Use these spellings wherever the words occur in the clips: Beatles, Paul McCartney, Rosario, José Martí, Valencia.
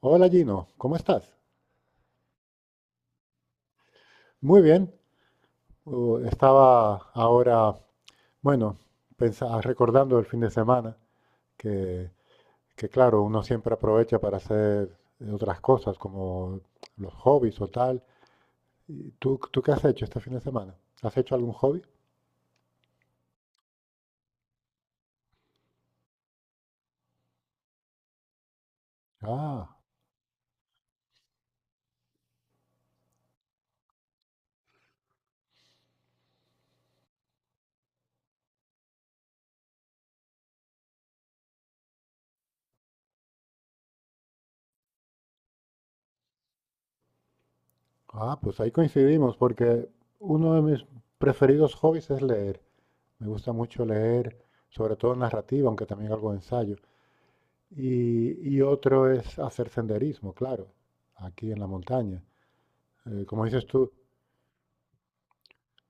Hola Gino, ¿cómo estás? Muy bien. Estaba ahora, bueno, recordando el fin de semana, que, que claro, uno siempre aprovecha para hacer otras cosas como los hobbies o tal. ¿Tú, tú qué has hecho este fin de semana? ¿Has hecho algún hobby? Ah, pues ahí coincidimos, porque uno de mis preferidos hobbies es leer. Me gusta mucho leer, sobre todo narrativa, aunque también algo de ensayo. Y otro es hacer senderismo, claro, aquí en la montaña. Como dices tú,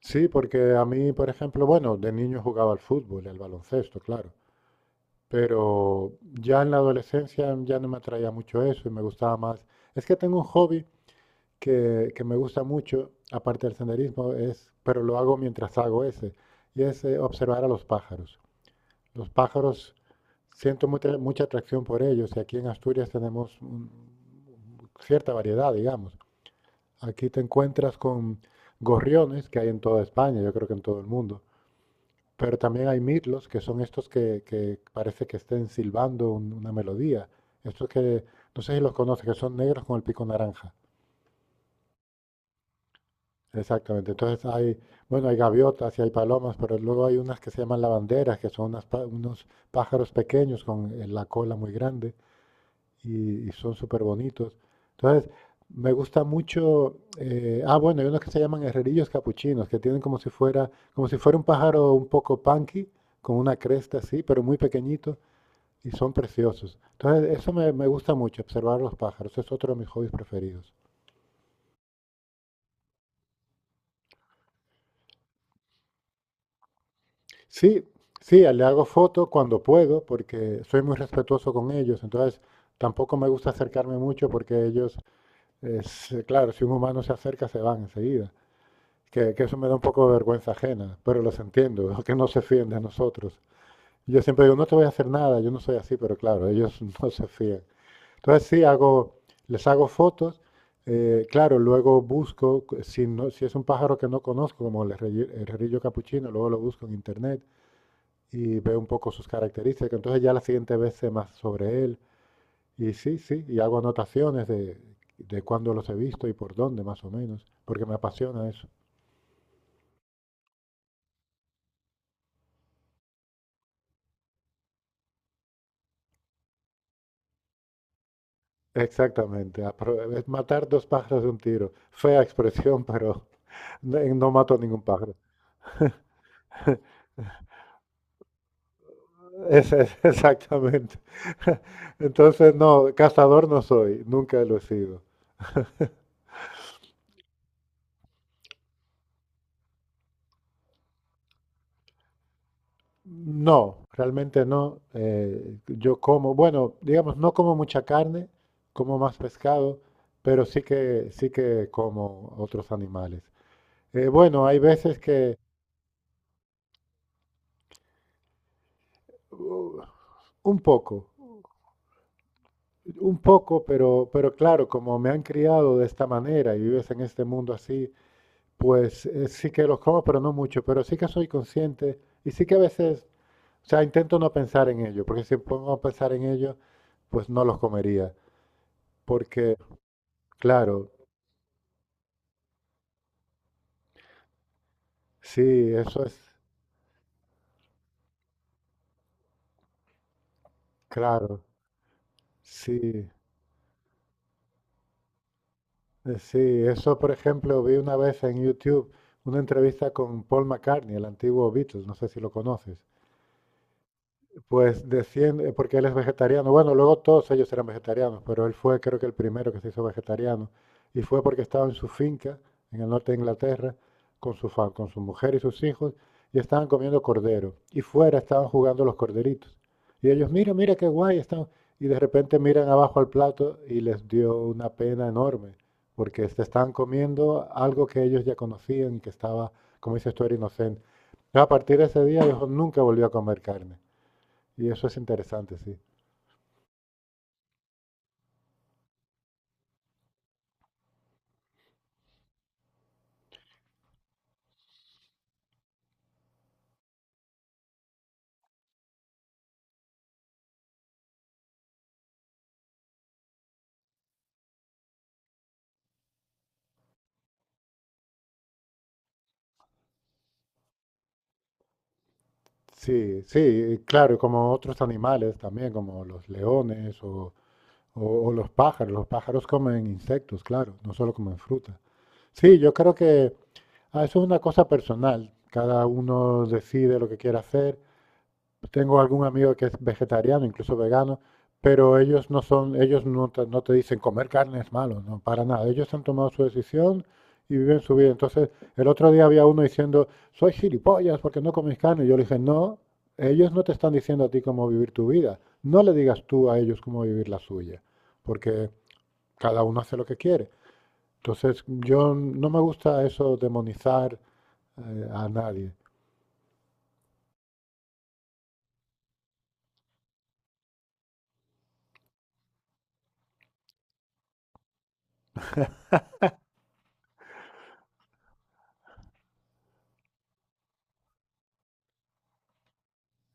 sí, porque a mí, por ejemplo, bueno, de niño jugaba al fútbol y al baloncesto, claro, pero ya en la adolescencia ya no me atraía mucho eso y me gustaba más. Es que tengo un hobby que me gusta mucho, aparte del senderismo, es, pero lo hago mientras hago ese, y es observar a los pájaros. Los pájaros, siento mucha atracción por ellos y aquí en Asturias tenemos cierta variedad, digamos. Aquí te encuentras con gorriones que hay en toda España, yo creo que en todo el mundo, pero también hay mirlos, que son estos que parece que estén silbando una melodía. Estos que, no sé si los conoces, que son negros con el pico naranja. Exactamente. Entonces hay, bueno, hay gaviotas y hay palomas, pero luego hay unas que se llaman lavanderas, que son unos pájaros pequeños con la cola muy grande. Y son súper bonitos. Entonces, me gusta mucho. Bueno, hay unos que se llaman herrerillos capuchinos, que tienen como si fuera un pájaro un poco punky, con una cresta así, pero muy pequeñito, y son preciosos. Entonces, eso me gusta mucho, observar los pájaros. Es otro de mis hobbies preferidos. Sí, sí, le hago foto cuando puedo, porque soy muy respetuoso con ellos. Entonces, tampoco me gusta acercarme mucho, porque ellos, es, claro, si un humano se acerca, se van enseguida. Que eso me da un poco de vergüenza ajena, pero los entiendo, que no se fíen de nosotros. Yo siempre digo, no te voy a hacer nada, yo no soy así, pero claro, ellos no se fían. Entonces sí, hago, les hago fotos, claro, luego busco, si, no, si es un pájaro que no conozco, como el, capuchino, luego lo busco en internet y veo un poco sus características, entonces ya la siguiente vez sé más sobre él. Y sí, sí, y hago anotaciones de cuándo los he visto y por dónde, más o menos, porque me apasiona eso. Exactamente, es matar dos pájaros de un tiro. Fea expresión, pero no, no mato ningún pájaro. Ese es, exactamente. Entonces, no, cazador no soy, nunca lo he sido. No, realmente no. Yo como, bueno, digamos, no como mucha carne, como más pescado, pero sí que como otros animales. Bueno, hay veces que, uh, un poco. Un poco, pero claro, como me han criado de esta manera y vives en este mundo así, pues sí que los como, pero no mucho, pero sí que soy consciente y sí que a veces, o sea, intento no pensar en ello, porque si pongo a pensar en ello, pues no los comería, porque claro, sí, eso es, claro, sí, sí, eso por ejemplo vi una vez en YouTube una entrevista con Paul McCartney, el antiguo Beatles, no sé si lo conoces. Pues desciende, porque él es vegetariano. Bueno, luego todos ellos eran vegetarianos, pero él fue creo que el primero que se hizo vegetariano. Y fue porque estaba en su finca, en el norte de Inglaterra, con con su mujer y sus hijos, y estaban comiendo cordero. Y fuera estaban jugando los corderitos. Y ellos, mira, mira qué guay están. Y de repente miran abajo al plato y les dio una pena enorme, porque se estaban comiendo algo que ellos ya conocían y que estaba, como dices tú, era inocente. Entonces, a partir de ese día, dijo, nunca volvió a comer carne. Y eso es interesante, sí. Sí, sí, claro, y como otros animales también, como los leones o los pájaros. Los pájaros comen insectos, claro, no solo comen fruta. Sí, yo creo que eso es una cosa personal. Cada uno decide lo que quiere hacer. Tengo algún amigo que es vegetariano, incluso vegano, pero ellos no son, ellos no te, no te dicen comer carne es malo, no, para nada. Ellos han tomado su decisión y viven su vida. Entonces, el otro día había uno diciendo, soy gilipollas porque no comes carne. Yo le dije, no, ellos no te están diciendo a ti cómo vivir tu vida. No le digas tú a ellos cómo vivir la suya, porque cada uno hace lo que quiere. Entonces, yo no me gusta eso demonizar a nadie.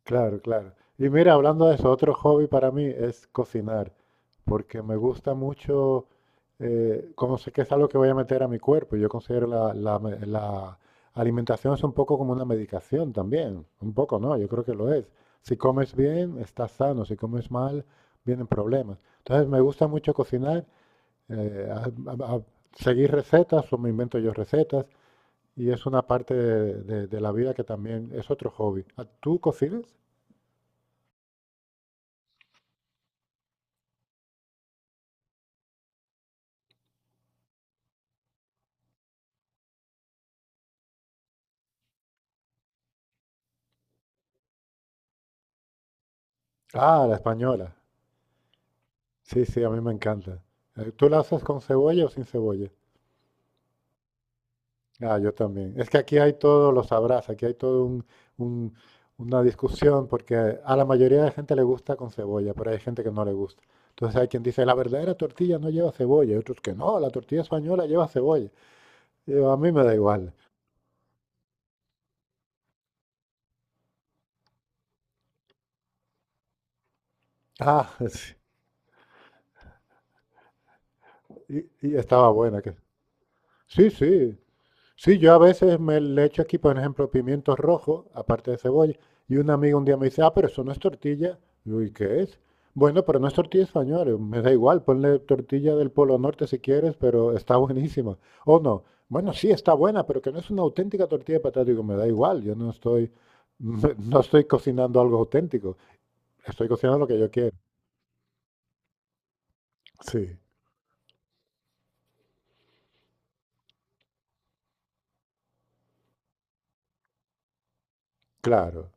Claro, claro. Y mira, hablando de eso, otro hobby para mí es cocinar, porque me gusta mucho, como sé que es algo que voy a meter a mi cuerpo, yo considero la alimentación es un poco como una medicación también, un poco, ¿no? Yo creo que lo es. Si comes bien, estás sano, si comes mal, vienen problemas. Entonces, me gusta mucho cocinar, eh, a- a seguir recetas o me invento yo recetas, y es una parte de la vida que también es otro hobby. ¿Tú cocinas? Ah, la española. Sí, sí, a mí me encanta. ¿Tú la haces con cebolla o sin cebolla? Ah, yo también. Es que aquí hay todo, lo sabrás, aquí hay todo un- una discusión porque a la mayoría de gente le gusta con cebolla, pero hay gente que no le gusta. Entonces hay quien dice, la verdadera tortilla no lleva cebolla, y otros que no, la tortilla española lleva cebolla. Y yo, a mí me da igual. Ah, sí. Y estaba buena que... Sí, sí. Sí, yo a veces me le echo aquí, por ejemplo, pimientos rojos, aparte de cebolla, y una amiga un día me dice, ah, pero eso no es tortilla. Digo, ¿y qué es? Bueno, pero no es tortilla española. Digo, me da igual, ponle tortilla del Polo Norte si quieres, pero está buenísima. O no, bueno, sí está buena, pero que no es una auténtica tortilla de patata. Digo, me da igual, yo no estoy, no estoy cocinando algo auténtico, estoy cocinando lo que yo quiero. Sí, claro.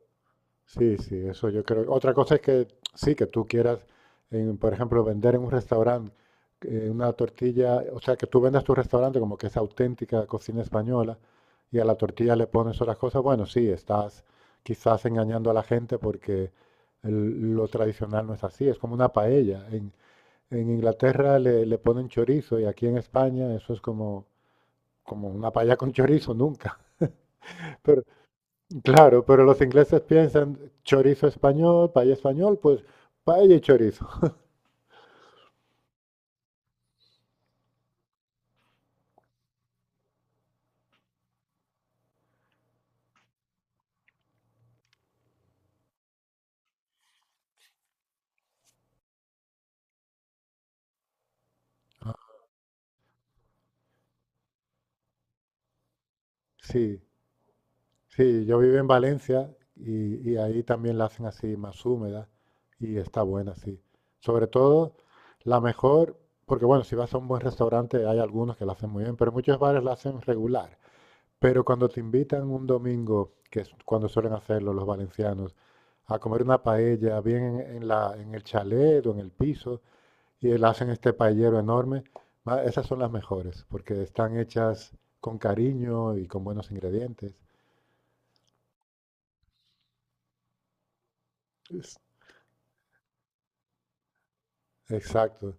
Sí, sí, eso yo creo. Otra cosa es que sí, que tú quieras, en, por ejemplo, vender en un restaurante una tortilla, o sea, que tú vendas tu restaurante como que es auténtica cocina española y a la tortilla le pones otras cosas, bueno, sí, estás quizás engañando a la gente porque lo tradicional no es así, es como una paella. En Inglaterra le ponen chorizo y aquí en España eso es como, como una paella con chorizo, nunca. Pero, claro, pero los ingleses piensan chorizo español, paella español, pues paella y chorizo. Sí, sí, yo vivo en Valencia y ahí también la hacen así más húmeda y está buena, sí. Sobre todo la mejor, porque bueno, si vas a un buen restaurante hay algunos que la hacen muy bien, pero muchos bares la hacen regular. Pero cuando te invitan un domingo, que es cuando suelen hacerlo los valencianos, a comer una paella bien en, en el chalet o en el piso, y le hacen este paellero enorme. Va, esas son las mejores, porque están hechas con cariño y con buenos ingredientes. Es- Exacto.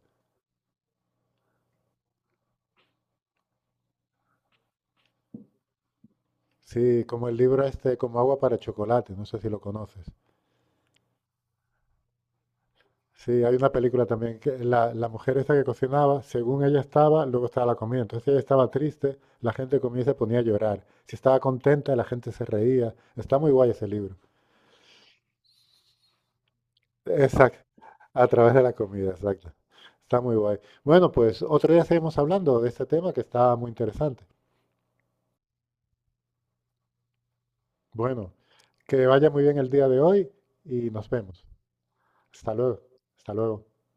Sí, como el libro este, como agua para chocolate, no sé si lo conoces. Sí, hay una película también que la mujer esta que cocinaba, según ella estaba, luego estaba la comida. Entonces, si ella estaba triste, la gente comía y se ponía a llorar. Si estaba contenta, la gente se reía. Está muy guay ese libro. Exacto, a través de la comida, exacto. Está muy guay. Bueno, pues otro día seguimos hablando de este tema que está muy interesante. Bueno, que vaya muy bien el día de hoy y nos vemos. Hasta luego, hasta luego.